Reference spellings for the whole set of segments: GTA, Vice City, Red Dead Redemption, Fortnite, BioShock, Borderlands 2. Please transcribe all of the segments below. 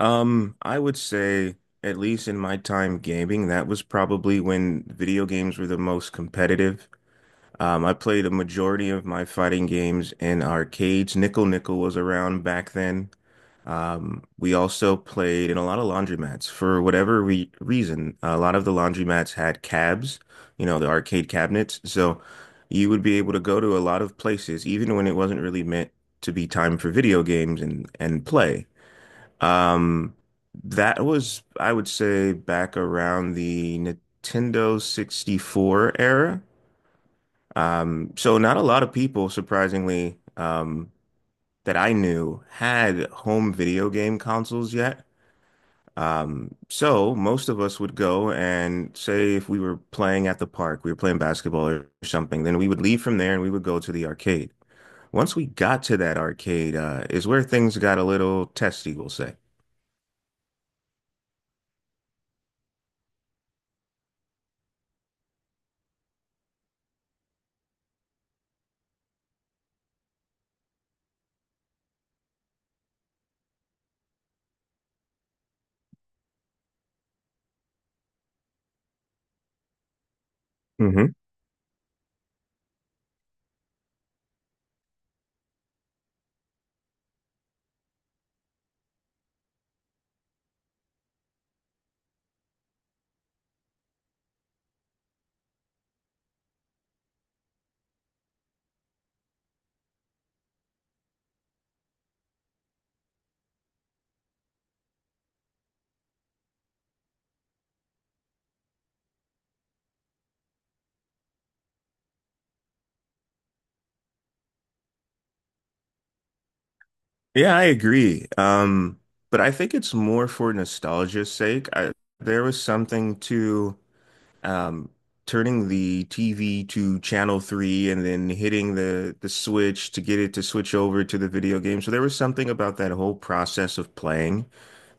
I would say, at least in my time gaming, that was probably when video games were the most competitive. I played a majority of my fighting games in arcades. Nickel Nickel was around back then. We also played in a lot of laundromats. For whatever re reason, a lot of the laundromats had cabs, you know, the arcade cabinets. So you would be able to go to a lot of places, even when it wasn't really meant to be time for video games and play. Um, that was, I would say, back around the Nintendo 64 era. So not a lot of people, surprisingly, that I knew had home video game consoles yet. So most of us would go and say if we were playing at the park, we were playing basketball or something, then we would leave from there and we would go to the arcade. Once we got to that arcade, is where things got a little testy, we'll say. Hmm. Yeah, I agree. But I think it's more for nostalgia's sake. There was something to um, turning the TV to channel three and then hitting the switch to get it to switch over to the video game. So there was something about that whole process of playing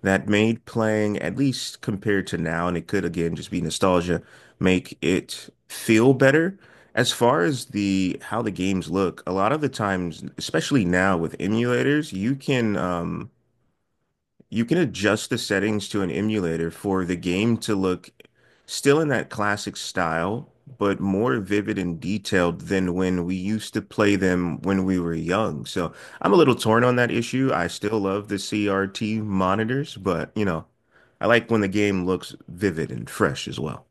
that made playing, at least compared to now, and it could again just be nostalgia, make it feel better. As far as the how the games look, a lot of the times, especially now with emulators, you can adjust the settings to an emulator for the game to look still in that classic style, but more vivid and detailed than when we used to play them when we were young. So I'm a little torn on that issue. I still love the CRT monitors, but you know, I like when the game looks vivid and fresh as well.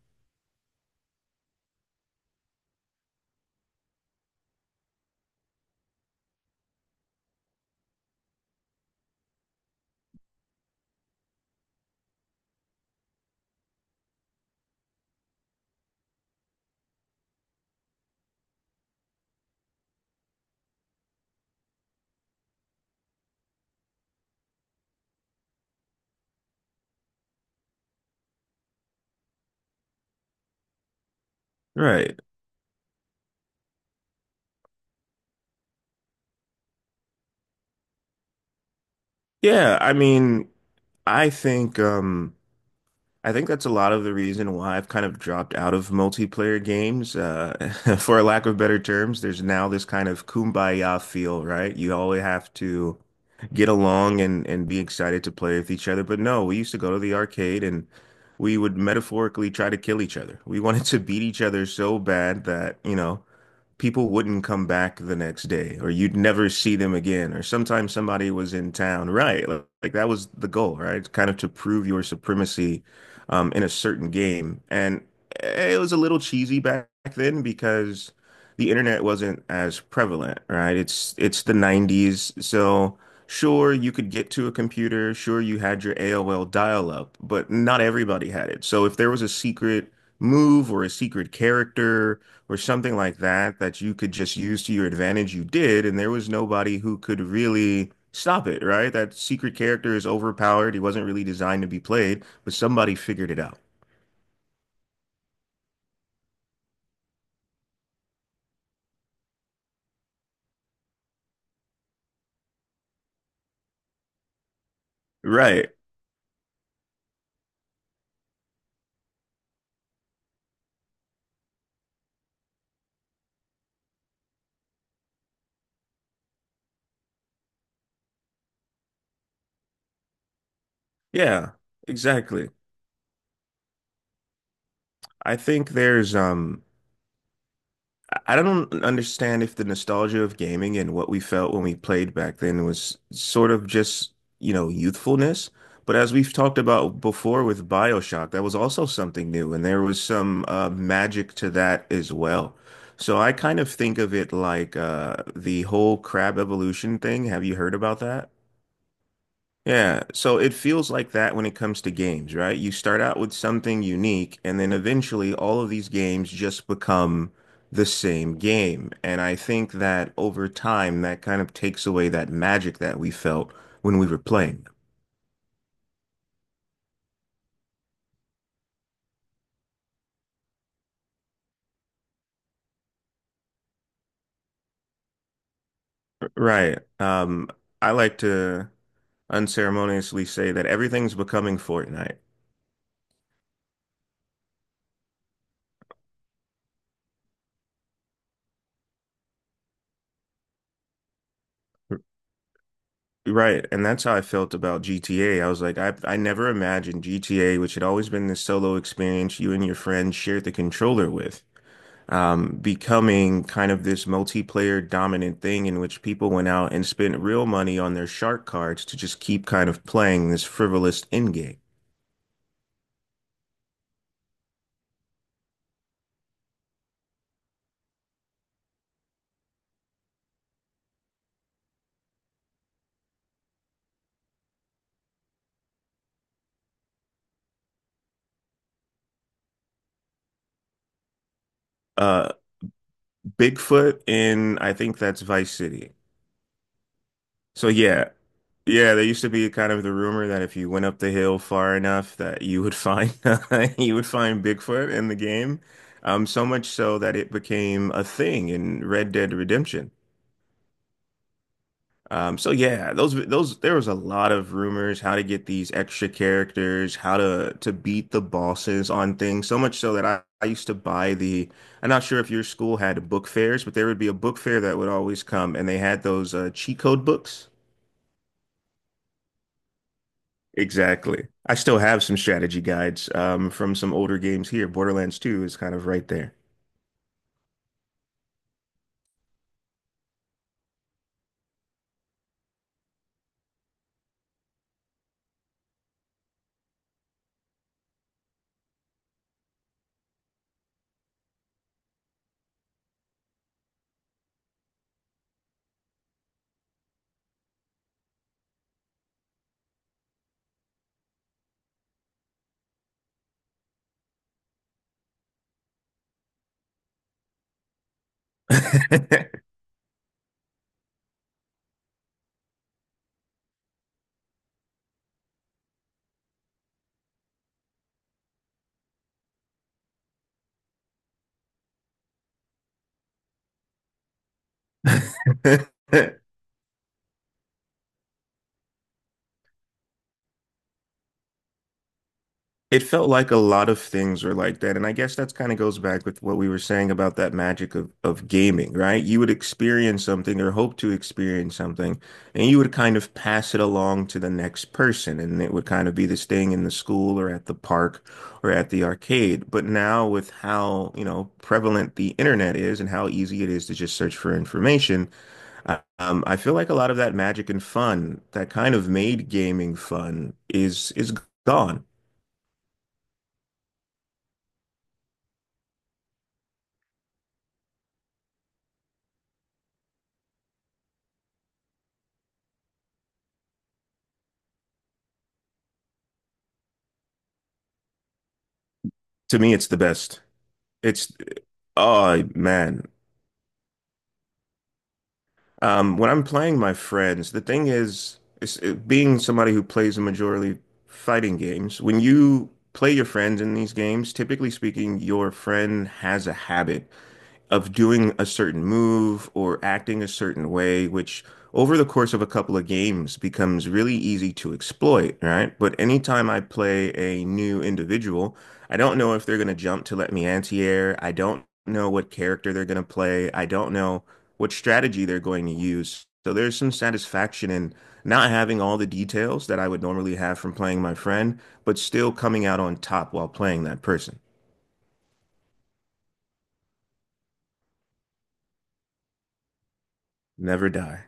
Right. Yeah, I mean, I think I think that's a lot of the reason why I've kind of dropped out of multiplayer games. For a lack of better terms, there's now this kind of kumbaya feel, right? You always have to get along and be excited to play with each other. But no, we used to go to the arcade and we would metaphorically try to kill each other. We wanted to beat each other so bad that, you know, people wouldn't come back the next day or you'd never see them again or sometimes somebody was in town, right? Like that was the goal, right, kind of to prove your supremacy in a certain game. And eh, it was a little cheesy back then because the internet wasn't as prevalent, right? It's the 90s. So sure you could get to a computer, sure you had your AOL dial-up, but not everybody had it. So if there was a secret move or a secret character or something like that that you could just use to your advantage, you did, and there was nobody who could really stop it, right? That secret character is overpowered. He wasn't really designed to be played, but somebody figured it out. Right. Yeah, exactly. I think there's I don't understand if the nostalgia of gaming and what we felt when we played back then was sort of just, you know, youthfulness. But as we've talked about before with BioShock, that was also something new, and there was some magic to that as well. So I kind of think of it like the whole crab evolution thing. Have you heard about that? Yeah, so it feels like that when it comes to games, right? You start out with something unique, and then eventually all of these games just become the same game. And I think that over time, that kind of takes away that magic that we felt when we were playing. Right. I like to unceremoniously say that everything's becoming Fortnite. Right, and that's how I felt about GTA. I was like, I never imagined GTA, which had always been this solo experience you and your friends shared the controller with. Becoming kind of this multiplayer dominant thing in which people went out and spent real money on their shark cards to just keep kind of playing this frivolous end game. Uh, Bigfoot in, I think that's Vice City. So yeah, yeah, there used to be kind of the rumor that if you went up the hill far enough that you would find you would find Bigfoot in the game. So much so that it became a thing in Red Dead Redemption. So yeah, those there was a lot of rumors how to get these extra characters, how to beat the bosses on things. So much so that I used to buy the. I'm not sure if your school had book fairs, but there would be a book fair that would always come, and they had those cheat code books. Exactly. I still have some strategy guides from some older games here. Borderlands 2 is kind of right there. It felt like a lot of things were like that. And I guess that's kind of goes back with what we were saying about that magic of gaming, right? You would experience something or hope to experience something, and you would kind of pass it along to the next person. And it would kind of be this thing in the school or at the park or at the arcade. But now with how, you know, prevalent the internet is and how easy it is to just search for information, I feel like a lot of that magic and fun that kind of made gaming fun is gone. To me, it's the best. It's oh man, when I'm playing my friends, the thing is, being somebody who plays a majorly fighting games, when you play your friends in these games, typically speaking, your friend has a habit of doing a certain move or acting a certain way, which over the course of a couple of games becomes really easy to exploit, right? But anytime I play a new individual, I don't know if they're going to jump to let me anti-air. I don't know what character they're going to play. I don't know what strategy they're going to use. So there's some satisfaction in not having all the details that I would normally have from playing my friend, but still coming out on top while playing that person. Never die.